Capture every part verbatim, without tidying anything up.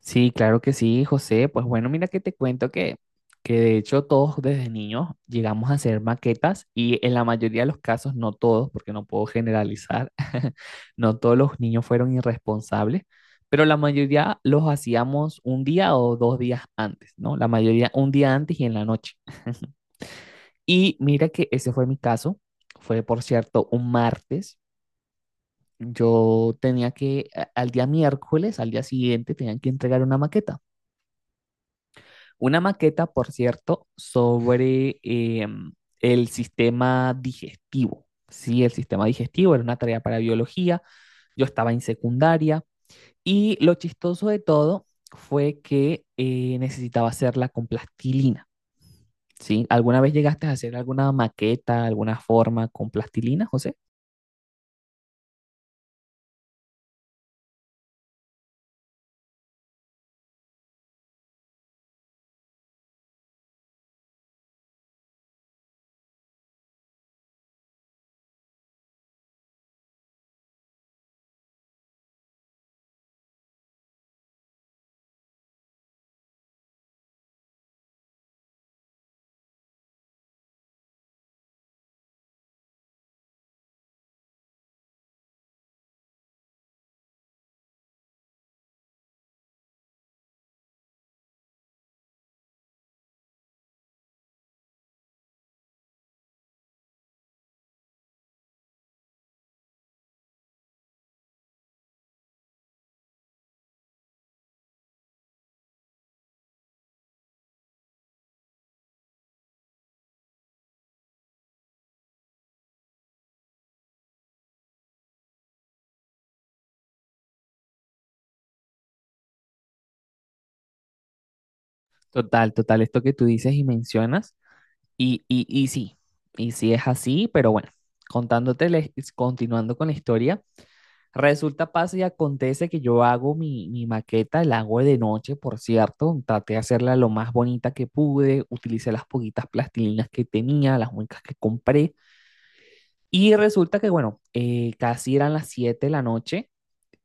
Sí, claro que sí, José. Pues bueno, mira que te cuento que, que de hecho todos desde niños llegamos a hacer maquetas y en la mayoría de los casos, no todos, porque no puedo generalizar, no todos los niños fueron irresponsables, pero la mayoría los hacíamos un día o dos días antes, ¿no? La mayoría un día antes y en la noche. Y mira que ese fue mi caso. Fue, por cierto, un martes. Yo tenía que, a- al día miércoles, al día siguiente, tenían que entregar una maqueta. Una maqueta, por cierto, sobre em, el sistema digestivo. Sí, el sistema digestivo era una tarea para biología, yo estaba en secundaria y lo chistoso de todo fue que eh, necesitaba hacerla con plastilina. ¿Sí? ¿Alguna vez llegaste a hacer alguna maqueta, alguna forma con plastilina, José? Total, total, esto que tú dices y mencionas. Y, y, y sí, y sí es así, pero bueno, contándote, continuando con la historia. Resulta, pasa y acontece que yo hago mi, mi maqueta, la hago de noche, por cierto. Traté de hacerla lo más bonita que pude, utilicé las poquitas plastilinas que tenía, las únicas que compré. Y resulta que, bueno, eh, casi eran las siete de la noche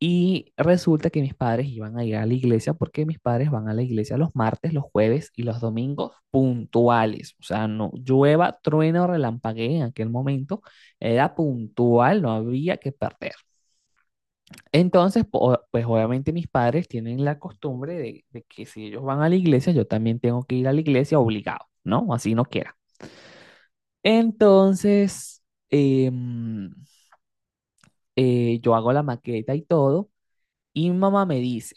y resulta que mis padres iban a ir a la iglesia porque mis padres van a la iglesia los martes, los jueves y los domingos puntuales. O sea, no llueva, trueno, relampaguee en aquel momento, era puntual, no había que perder. Entonces, po- pues obviamente mis padres tienen la costumbre de, de que si ellos van a la iglesia, yo también tengo que ir a la iglesia obligado, ¿no? Así no quiera. Entonces, em, eh, yo hago la maqueta y todo, y mi mamá me dice,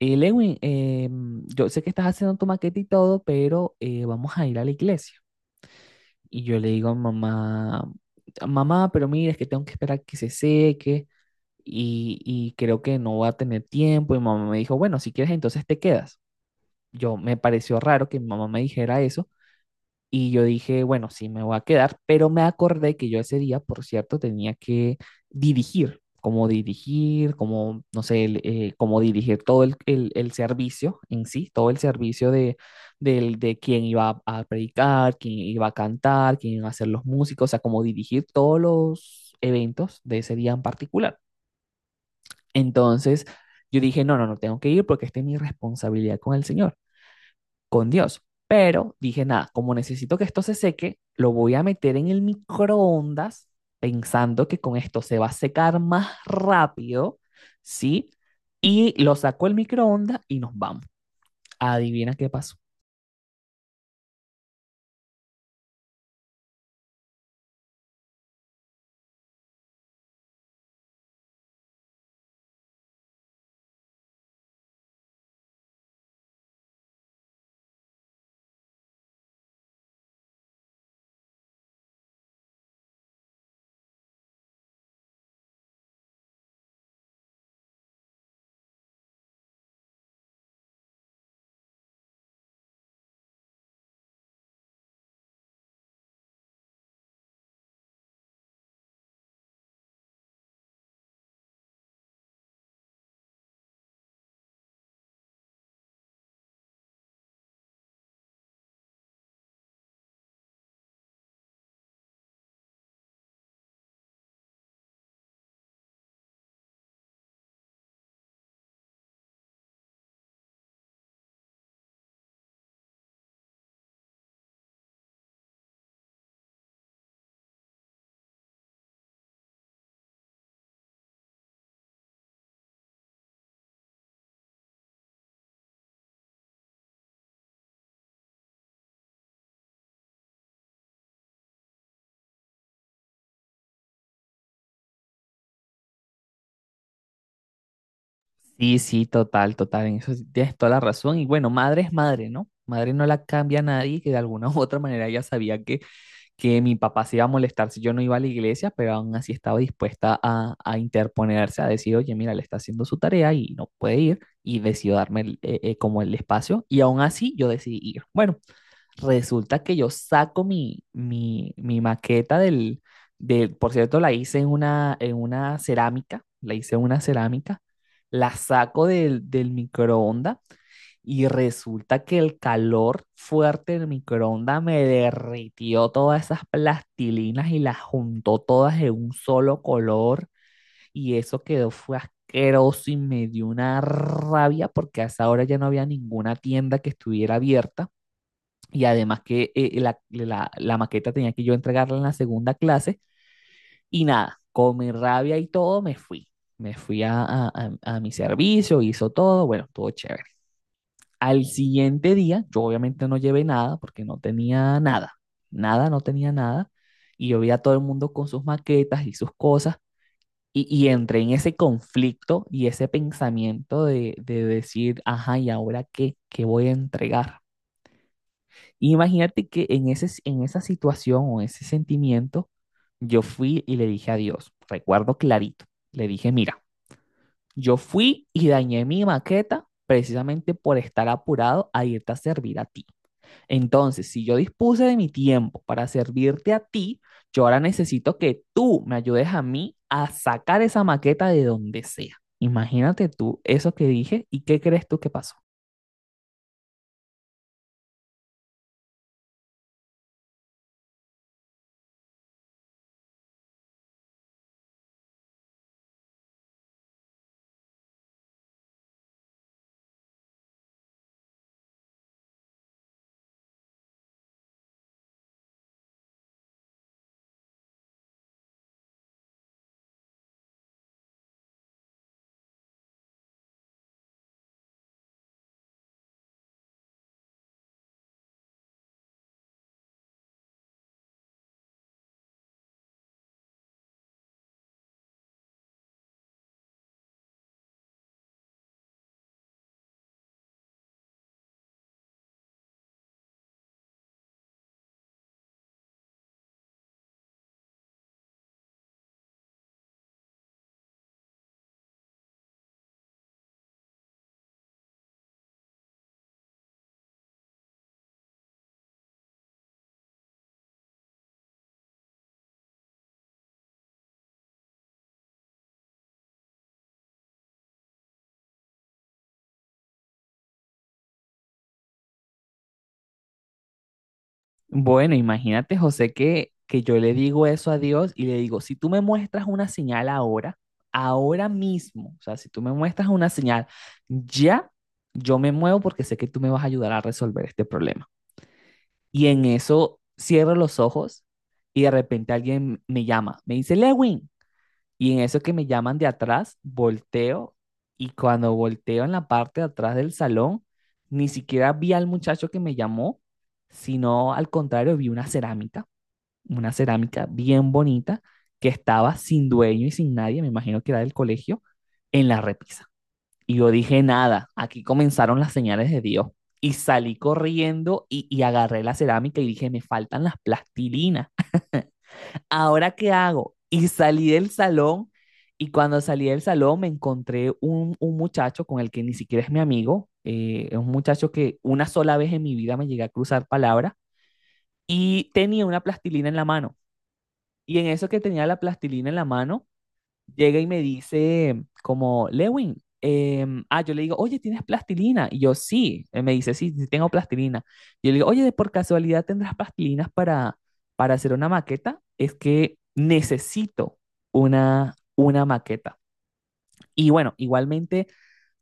"Eh, Lewin, em, yo sé que estás haciendo tu maqueta y todo, pero eh, vamos a ir a la iglesia. Y yo le digo, mamá, mamá, pero mira, es que tengo que esperar que se seque. y, y creo que no va a tener tiempo. Y mi mamá me dijo, bueno, si quieres, entonces te quedas. Yo me pareció raro que mi mamá me dijera eso y yo dije, bueno, sí, me voy a quedar, pero me acordé que yo ese día, por cierto, tenía que dirigir, como dirigir, como, no sé, el, eh, como dirigir todo el, el- el servicio en sí, todo el servicio de, del- de quién iba a predicar, quién iba a cantar, quién iba a ser los músicos, o sea, como dirigir todos los eventos de ese día en particular. Entonces yo dije, no, no, no tengo que ir porque esta es mi responsabilidad con el Señor, con Dios. Pero dije, nada, como necesito que esto se seque, lo voy a meter en el microondas pensando que con esto se va a secar más rápido, ¿sí? Y lo saco el microondas y nos vamos. Adivina qué pasó. Sí, sí, total, total, en eso sí tienes toda la razón. Y bueno, madre es madre, ¿no? Madre no la cambia a nadie que de alguna u otra manera ya sabía que que mi papá se iba a molestar si yo no iba a la iglesia, pero aún así estaba dispuesta a, a interponerse, a decir, oye, mira, le está haciendo su tarea y no puede ir, y decidió darme el- eh, eh, como el espacio, y aún así yo decidí ir. Bueno, resulta que yo saco mi, mi, mi maqueta del, del, por cierto, la hice en una, en una cerámica, la hice en una cerámica, la saco del, del microondas y resulta que el calor fuerte del microondas me derritió todas esas plastilinas y las juntó todas en un solo color. Y eso quedó, fue asqueroso y me dio una rabia porque a esa hora ya no había ninguna tienda que estuviera abierta. Y además que eh, la, la- la maqueta tenía que yo entregarla en la segunda clase. Y nada, con mi rabia y todo me fui. Me fui a, a a- a mi servicio, hizo todo, bueno, estuvo chévere. Al siguiente día, yo obviamente no llevé nada porque no tenía nada, nada, no tenía nada. Y yo vi a todo el mundo con sus maquetas y sus cosas. Y, y entré en ese conflicto y ese pensamiento de, de decir, ajá, ¿y ahora qué? ¿Qué voy a entregar? Imagínate que en ese, en esa situación o ese sentimiento, yo fui y le dije a Dios, recuerdo clarito, le dije, mira, yo fui y dañé mi maqueta precisamente por estar apurado a irte a servir a ti. Entonces, si yo dispuse de mi tiempo para servirte a ti, yo ahora necesito que tú me ayudes a mí a sacar esa maqueta de donde sea. Imagínate tú eso que dije y qué crees tú que pasó. Bueno, imagínate, José, que, que yo le digo eso a Dios y le digo, si tú me muestras una señal ahora, ahora mismo, o sea, si tú me muestras una señal, ya yo me muevo porque sé que tú me vas a ayudar a resolver este problema. Y en eso cierro los ojos y de repente alguien me llama, me dice Lewin. Y en eso que me llaman de atrás, volteo y cuando volteo en la parte de atrás del salón, ni siquiera vi al muchacho que me llamó, sino al contrario, vi una cerámica, una cerámica bien bonita que estaba sin dueño y sin nadie, me imagino que era del colegio, en la repisa. Y yo dije, nada, aquí comenzaron las señales de Dios. Y salí corriendo y, y agarré la cerámica y dije, me faltan las plastilinas. ¿Ahora qué hago? Y salí del salón y cuando salí del salón me encontré un, un muchacho con el que ni siquiera es mi amigo. Eh, es un muchacho que una sola vez en mi vida me llegué a cruzar palabras y tenía una plastilina en la mano. Y en eso que tenía la plastilina en la mano, llega y me dice como, Lewin, em, ah, yo le digo, oye, ¿tienes plastilina? Y yo, sí, Él me dice, sí, sí tengo plastilina. Yo le digo, oye, ¿de por casualidad tendrás plastilinas para, para hacer una maqueta? Es que necesito una, una maqueta. Y bueno, igualmente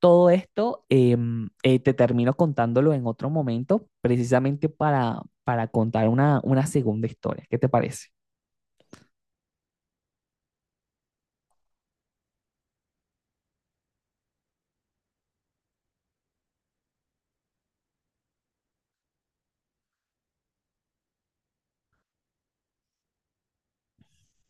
todo esto em, eh, te termino contándolo en otro momento, precisamente para, para contar una, una segunda historia. ¿Qué te parece?